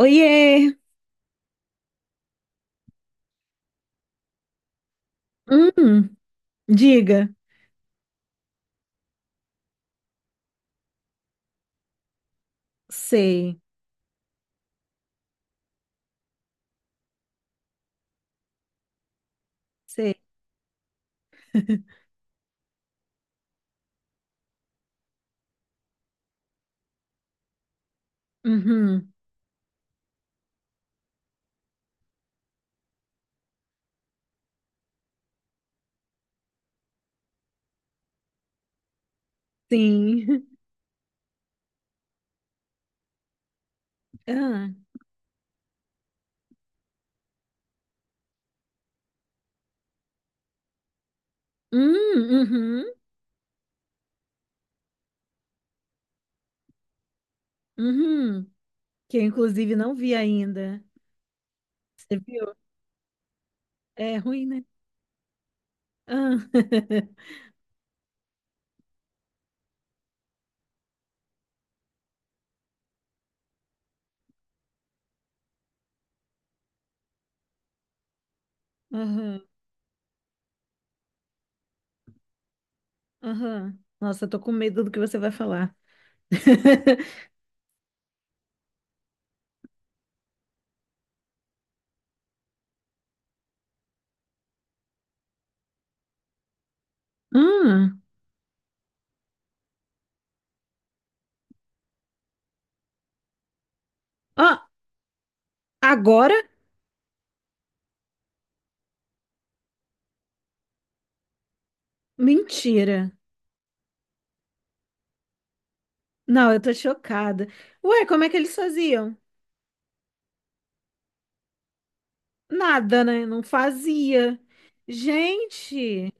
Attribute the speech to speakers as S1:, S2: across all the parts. S1: Oiê! Hum. Diga. Sei, sei. Uhum, sim. Ah, hum, uhum, uhum. Que eu, inclusive, não vi ainda. Você viu? É ruim, né? Ah. Aham, aham. Nossa, eu tô com medo do que você vai falar. Hum. Ó, agora? Mentira. Não, eu tô chocada. Ué, como é que eles faziam? Nada, né? Não fazia. Gente.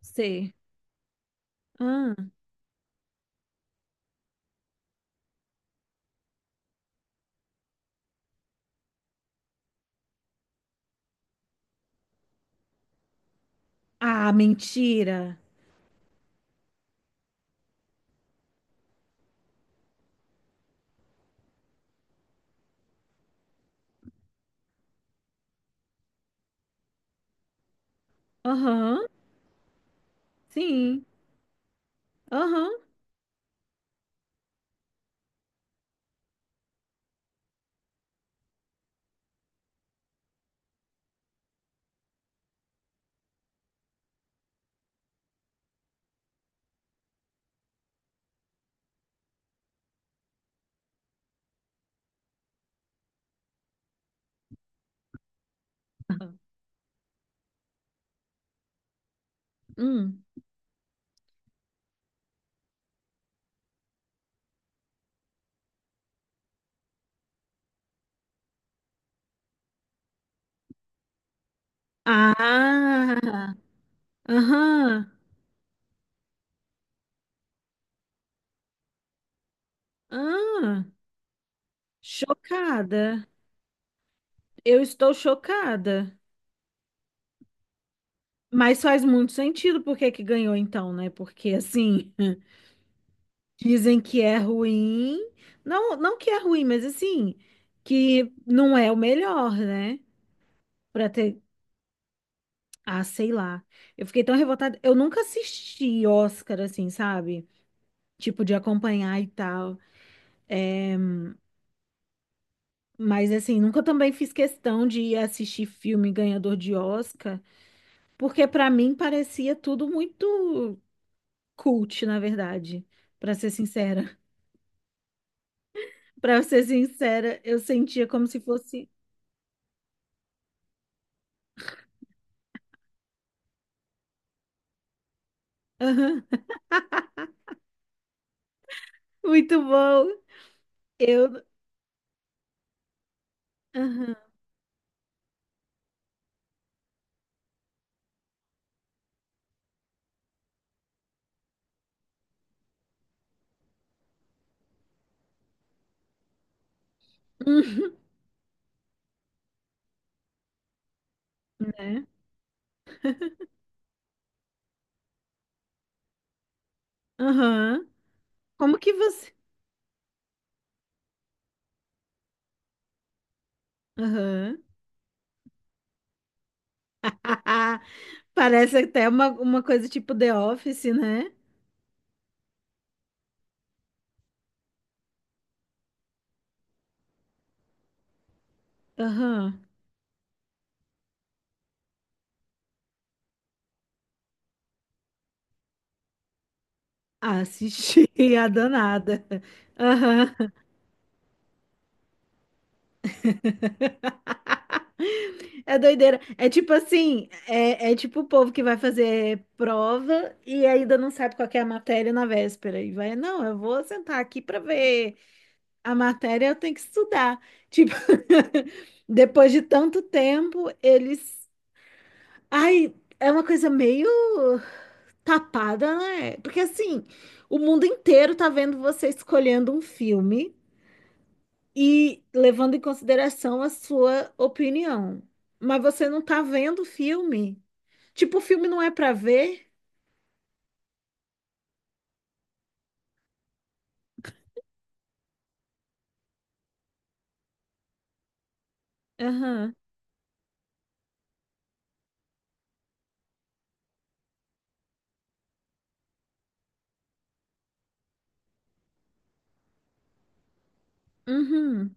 S1: Sei. Ah, ah, mentira. Aham, sim. Aham. Hum. Ah, aham. Ah, chocada. Eu estou chocada. Mas faz muito sentido por que que ganhou então, né? Porque assim, dizem que é ruim. Não, não que é ruim, mas assim, que não é o melhor, né? Pra ter, ah, sei lá. Eu fiquei tão revoltada. Eu nunca assisti Oscar assim, sabe? Tipo, de acompanhar e tal. É, mas assim, nunca também fiz questão de ir assistir filme ganhador de Oscar, porque pra mim parecia tudo muito cult, na verdade. Pra ser sincera. Pra ser sincera, eu sentia como se fosse, aham, muito bom. Eu, aham, uhum, né? Aham. Como que você? Aham. Parece até uma coisa tipo The Office, né? Aham. Assisti a danada. Aham. É doideira. É tipo assim, é tipo o povo que vai fazer prova e ainda não sabe qual que é a matéria na véspera. E vai, não, eu vou sentar aqui pra ver a matéria, eu tenho que estudar. Tipo, depois de tanto tempo, eles. Ai, é uma coisa meio tapada, né? Porque assim, o mundo inteiro tá vendo você escolhendo um filme e levando em consideração a sua opinião. Mas você não tá vendo o filme. Tipo, o filme não é pra ver? Aham. Uhum.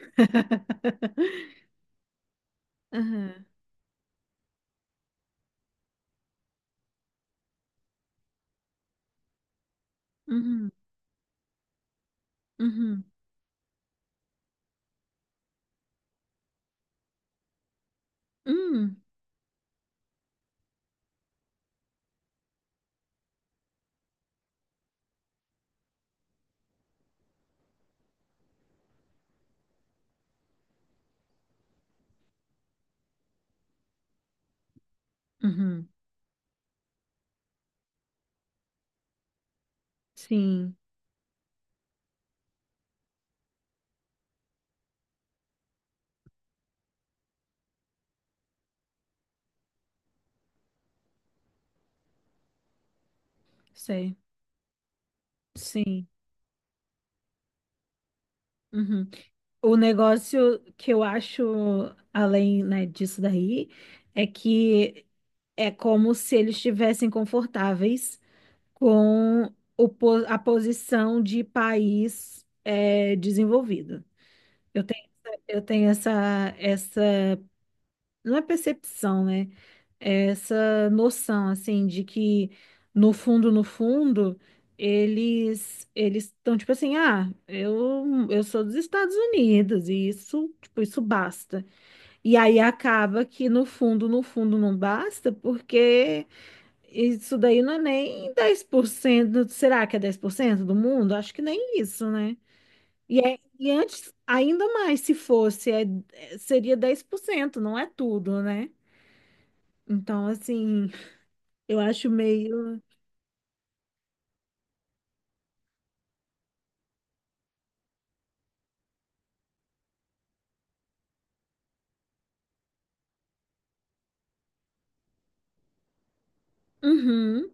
S1: Aham. Uhum. Uhum. Uhum. Uhum. Sim, sei. Sim. Uhum. O negócio que eu acho, além, né, disso daí, é que é como se eles estivessem confortáveis com o a posição de país desenvolvido. Eu tenho essa, essa, não é percepção, né? É essa noção, assim, de que no fundo, no fundo, eles estão tipo assim, ah, eu sou dos Estados Unidos e isso, tipo, isso basta. E aí acaba que no fundo, no fundo não basta, porque isso daí não é nem dez por cento. Será que é 10% do mundo? Acho que nem isso, né? E antes, ainda mais se fosse, seria 10%, não é tudo, né? Então, assim, eu acho meio. Uhum,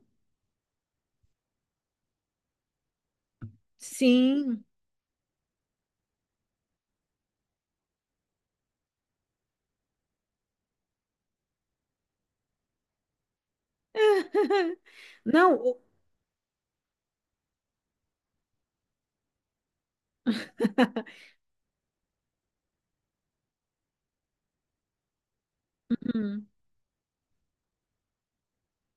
S1: sim. Não, uhum.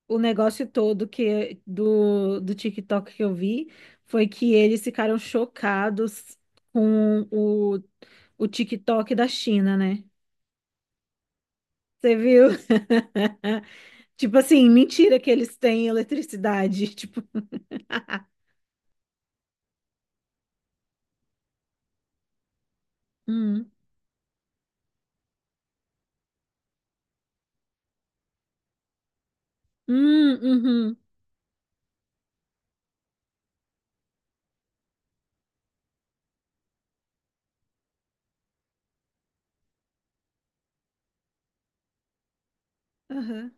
S1: O negócio todo que do TikTok que eu vi foi que eles ficaram chocados com o TikTok da China, né? Você viu? Tipo assim, mentira que eles têm eletricidade. Tipo, hum, hum, uhum, aham.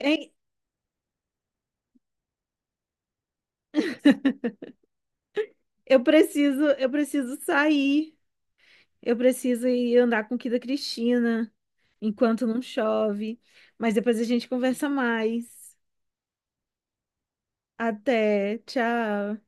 S1: Hein, eu preciso sair. Eu preciso ir andar com o Kida Cristina enquanto não chove. Mas depois a gente conversa mais. Até, tchau.